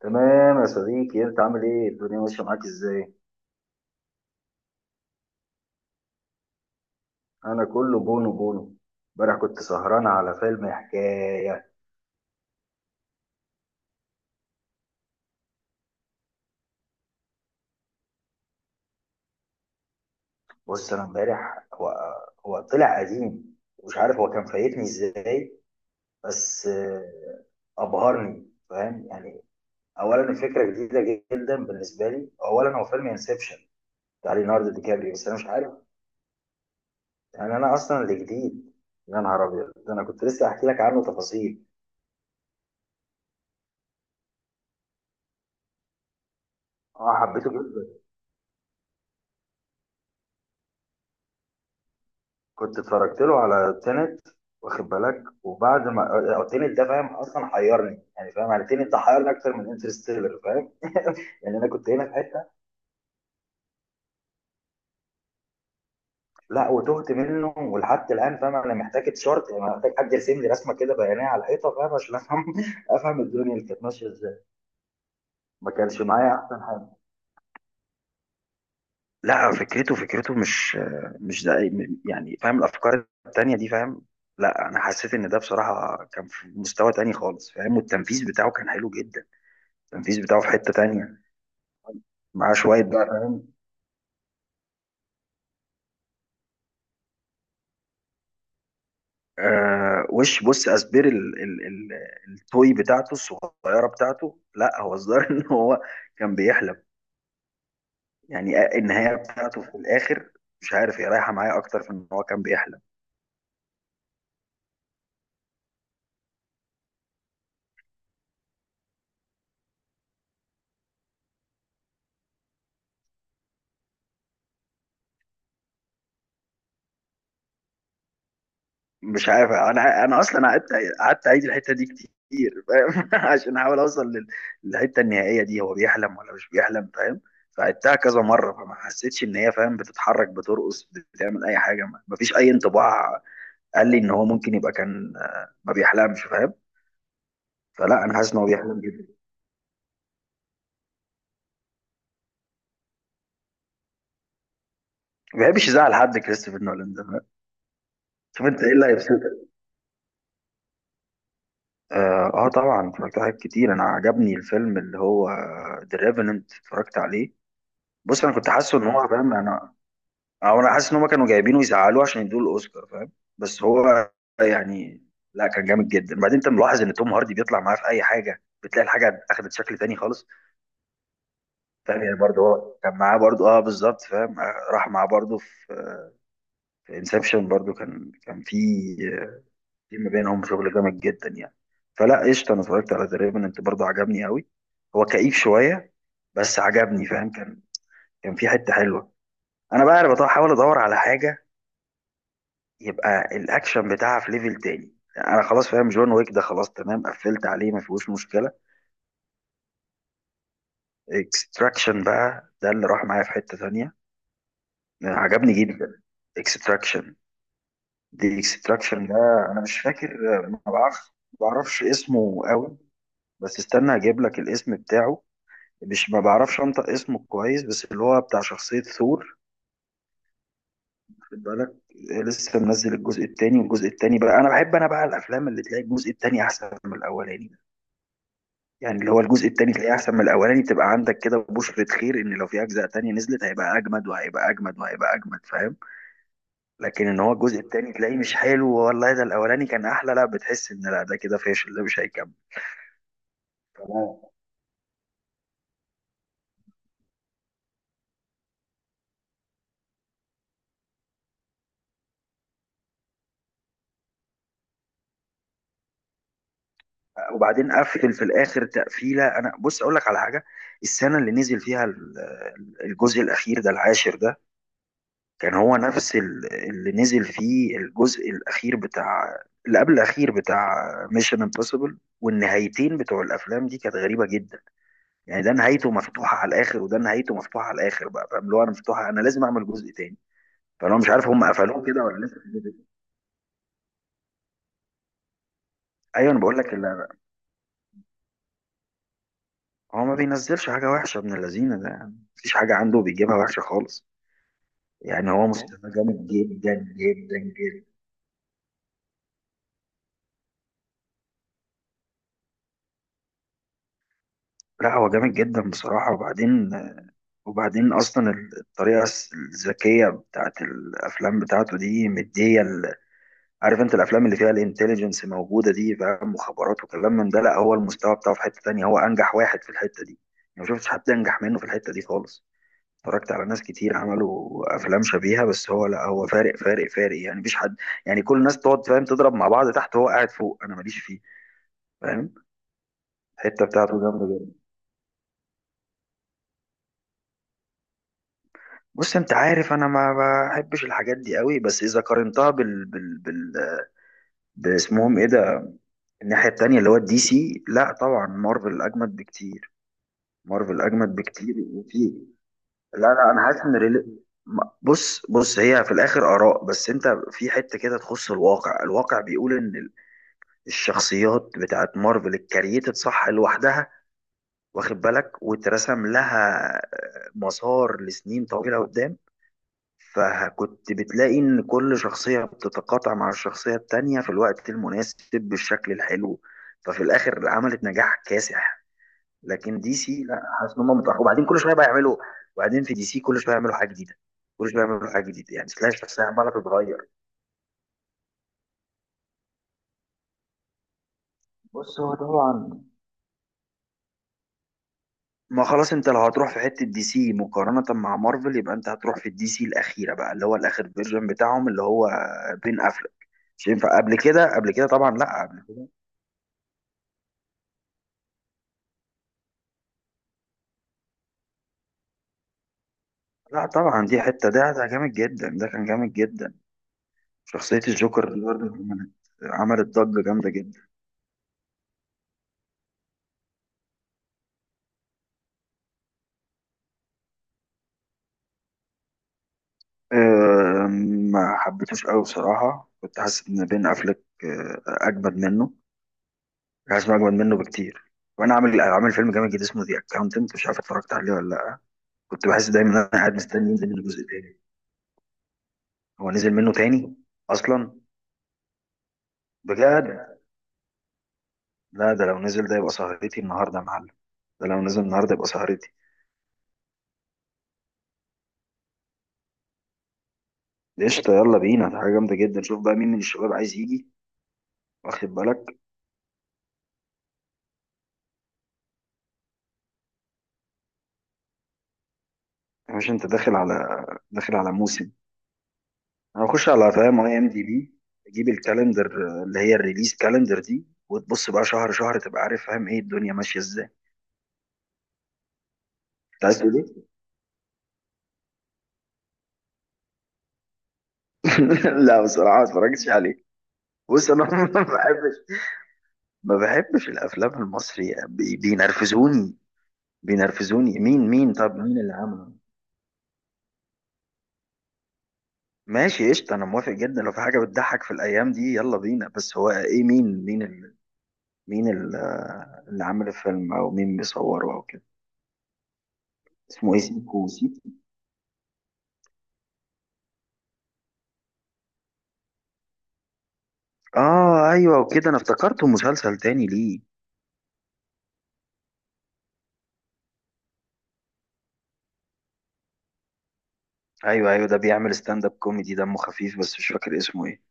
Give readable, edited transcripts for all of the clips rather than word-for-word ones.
تمام يا صديقي، انت عامل ايه؟ الدنيا ماشيه معاك ازاي؟ انا كله بونو بونو. امبارح كنت سهران على فيلم حكايه. بص انا امبارح، هو طلع قديم ومش عارف هو كان فايتني ازاي. بس ابهرني فاهم يعني. اولا الفكره جديده جدا بالنسبه لي، اولا هو فيلم انسبشن بتاع ليوناردو دي كابريو، بس انا مش عارف. يعني انا اصلا اللي جديد. يا نهار ابيض، ده انا كنت لسه احكي لك عنه تفاصيل. اه، حبيته جدا. كنت اتفرجت له على تينت، واخد بالك، وبعد ما تينت ده فاهم اصلا حيرني، يعني فاهم، يعني تينت ده حيرني اكتر من انترستيلر فاهم يعني انا كنت هنا في حته، لا وتهت منه ولحد الان فاهم. انا محتاج تشارت، يعني محتاج حد يرسم لي رسمه كده بيانيه على الحيطه فاهم عشان افهم افهم الدنيا اللي كانت ماشيه ازاي. ما كانش معايا احسن حاجه. لا فكرته مش ده، يعني فاهم الافكار التانيه دي فاهم. لا انا حسيت ان ده بصراحه كان في مستوى تاني خالص فاهم، والتنفيذ بتاعه كان حلو جدا. التنفيذ بتاعه في حتة تانية. معاه شوية بقى. وش بص أسبير ال التوي بتاعته الصغيرة بتاعته، لا هو الظاهر إن هو كان بيحلم. يعني النهاية بتاعته في الآخر مش عارف، هي رايحة معايا أكتر في إن هو كان بيحلم. مش عارف، أنا أصلا قعدت أعيد الحتة دي كتير فاهم عشان أحاول أوصل للحتة النهائية دي، هو بيحلم ولا مش بيحلم فاهم. فعدتها كذا مرة فما حسيتش إن هي فاهم بتتحرك، بترقص، بتعمل أي حاجة. مفيش أي انطباع. قال لي ان هو ممكن يبقى كان ما بيحلمش فاهم. فلا انا حاسس ان هو بيحلم جدا. ما بيحبش يزعل حد كريستوفر نولان ده فاهم؟ شوف انت ايه اللي هيبسطك. اه طبعا اتفرجت على حاجات كتير. انا عجبني الفيلم اللي هو ذا ريفننت، اتفرجت عليه. بص انا كنت حاسه ان هو فاهم، انا او انا حاسس ان هم كانوا جايبينه يزعلوه عشان يدوه الاوسكار فاهم. بس هو يعني لا كان جامد جدا. بعدين انت ملاحظ ان توم هاردي بيطلع معاه في اي حاجه، بتلاقي الحاجه اخدت شكل تاني خالص فاهم. يعني برضه هو كان معاه برضه، اه بالظبط فاهم، راح معاه برضه في انسبشن برضو، كان في. في ما بينهم شغل جامد جدا يعني. فلا قشطه، انا اتفرجت على ذا ريفننت برضو، عجبني قوي. هو كئيب شويه بس عجبني فاهم. كان في حته حلوه. انا بقى أنا بحاول ادور على حاجه يبقى الاكشن بتاعها في ليفل تاني. انا خلاص فاهم جون ويك ده، خلاص تمام، قفلت عليه ما فيهوش مشكله. اكستراكشن بقى، ده اللي راح معايا في حته تانيه. عجبني جدا. اكستراكشن. دي اكستراكشن ده، انا مش فاكر، ما بعرفش ما بعرفش اسمه قوي. بس استنى هجيب لك الاسم بتاعه. مش، ما بعرفش انطق اسمه كويس، بس اللي هو بتاع شخصية ثور، خد بالك. لسه منزل الجزء التاني، والجزء التاني بقى انا بحب، انا بقى الافلام اللي تلاقي الجزء التاني احسن من الاولاني ده. يعني اللي هو الجزء التاني تلاقيه احسن من الاولاني، تبقى عندك كده بشرة خير ان لو في اجزاء تانية نزلت هيبقى اجمد وهيبقى اجمد وهيبقى اجمد فاهم. لكن ان هو الجزء التاني تلاقيه مش حلو والله، ده الاولاني كان احلى، لا بتحس ان لا ده كده فاشل، ده مش هيكمل. تمام. وبعدين قفل في الاخر تقفيله. انا بص اقول لك على حاجه. السنه اللي نزل فيها الجزء الاخير ده، العاشر ده، كان هو نفس اللي نزل فيه الجزء الاخير بتاع، اللي قبل الاخير بتاع ميشن امبوسيبل. والنهايتين بتوع الافلام دي كانت غريبه جدا. يعني ده نهايته مفتوحه على الاخر وده نهايته مفتوحه على الاخر بقى فاهم، اللي هو انا مفتوحه انا لازم اعمل جزء تاني. فانا مش عارف هم قفلوه كده ولا لسه في جزء. ايوه انا بقول لك هو ما بينزلش حاجه وحشه من اللذينه ده يعني، مفيش حاجه عنده بيجيبها وحشه خالص. يعني هو فاهم مستواه جامد جدا جدا جدا. لا هو جامد جدا بصراحة. وبعدين أصلا الطريقة الذكية بتاعت الأفلام بتاعته دي مدية عارف أنت الأفلام اللي فيها الانتليجنس موجودة دي فاهم، مخابرات وكلام من ده. لا هو المستوى بتاعه في حتة تانية. هو أنجح واحد في الحتة دي. أنا ما شفتش حد أنجح منه في الحتة دي خالص. اتفرجت على ناس كتير عملوا أفلام شبيهة بس هو لا، هو فارق فارق فارق يعني مفيش حد. يعني كل الناس تقعد فاهم تضرب مع بعض تحت، هو قاعد فوق، أنا ماليش فيه فاهم. الحته بتاعته جامده جدا. بص انت عارف انا ما بحبش الحاجات دي قوي، بس اذا قارنتها بال بال باسمهم ايه ده، الناحيه التانيه اللي هو الدي سي، لا طبعا مارفل اجمد بكتير. مارفل اجمد بكتير وفي، لا لا انا حاسس ان ريلي... بص هي في الاخر اراء، بس انت في حته كده تخص الواقع. الواقع بيقول ان الشخصيات بتاعت مارفل الكرييتد صح لوحدها، واخد بالك، واترسم لها مسار لسنين طويله قدام. فكنت بتلاقي إن كل شخصية بتتقاطع مع الشخصية التانية في الوقت المناسب بالشكل الحلو، ففي الآخر عملت نجاح كاسح. لكن دي سي لا، حاسس إن هم متأخرين. وبعدين كل شوية بقى يعملوا، وبعدين في دي سي كل شوية يعملوا حاجة جديدة، كل شوية يعملوا حاجة جديدة، يعني تلاقي الشخصية عمالة تتغير. بص هو طبعا، ما خلاص انت لو هتروح في حتة دي سي مقارنة مع مارفل يبقى انت هتروح في الدي سي الأخيرة بقى، اللي هو الآخر فيرجن بتاعهم اللي هو بين أفلك. مش ينفع قبل كده، قبل كده طبعا، لا قبل كده. لا طبعا دي حتة، ده جامد جدا، ده كان جامد جدا. شخصية الجوكر اللي برضه عملت ضجة جامدة جدا. أه، ما حبيتوش قوي بصراحة. كنت حاسس إن بين أفلك أجمد منه، كنت حاسس إنه أجمد منه بكتير. وأنا عامل فيلم جامد جدا اسمه ذا أكاونتنت، مش عارف اتفرجت عليه ولا لأ. كنت بحس دايما إن أنا قاعد مستني ينزل منه جزء تاني. هو نزل منه تاني أصلا؟ بجد؟ لا ده لو نزل ده يبقى سهرتي النهاردة يا معلم. ده لو نزل النهاردة يبقى سهرتي. قشطة، يلا بينا، ده حاجة جامدة جدا. شوف بقى مين من الشباب عايز يجي، واخد بالك. يا باشا انت داخل على موسم. انا هخش على فاهم اي ام دي بي، تجيب الكالندر اللي هي الريليز كالندر دي، وتبص بقى شهر شهر، تبقى عارف فاهم ايه الدنيا ماشية ازاي. انت عايز تقول ايه؟ لا بصراحة ما اتفرجتش عليه. بص انا ما بحبش ما بحبش الافلام المصري بينرفزوني. مين، طب مين اللي عمله؟ ماشي قشطة، أنا موافق جدا لو في حاجة بتضحك في الأيام دي، يلا بينا. بس هو إيه؟ مين، مين اللي عامل الفيلم، او مين بيصوره او كده. اسمه ايه، سيكو سيكو؟ اه ايوه، وكده انا افتكرته مسلسل تاني ليه. ايوه ايوه ده بيعمل ستاند اب كوميدي، دمه خفيف، بس مش فاكر اسمه ايه.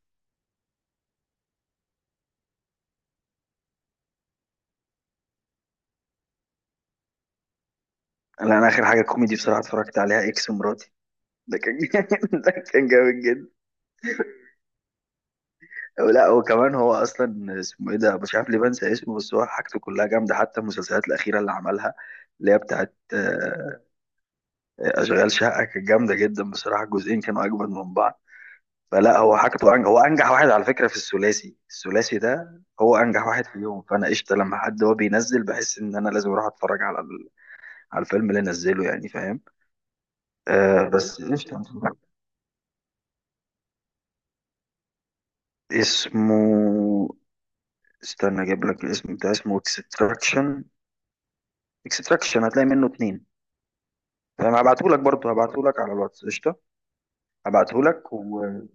لا انا اخر حاجه كوميدي بصراحه اتفرجت عليها اكس مراتي. ده كان جامد، ده كان جامد جدا. لا وكمان هو اصلا اسمه ايه ده، مش عارف ليه بنسى اسمه، بس هو حاجته كلها جامده حتى المسلسلات الاخيره اللي عملها، اللي هي بتاعت اشغال شقه. كانت جامده جدا بصراحه، الجزئين كانوا اجمد من بعض. فلا هو حاجته أنجح، هو أنجح واحد على فكرة في الثلاثي، ده هو أنجح واحد فيهم. فأنا قشطة، لما حد هو بينزل بحس إن أنا لازم أروح أتفرج على على الفيلم اللي نزله يعني فاهم. آه بس قشطة. اسمه، استنى أجيب لك الاسم بتاع. اسمه اكستراكشن. اكستراكشن هتلاقي منه اتنين. تمام، هبعتهولك، برضه هبعتهولك على الواتس قشطة. هبعتهولك وتمام.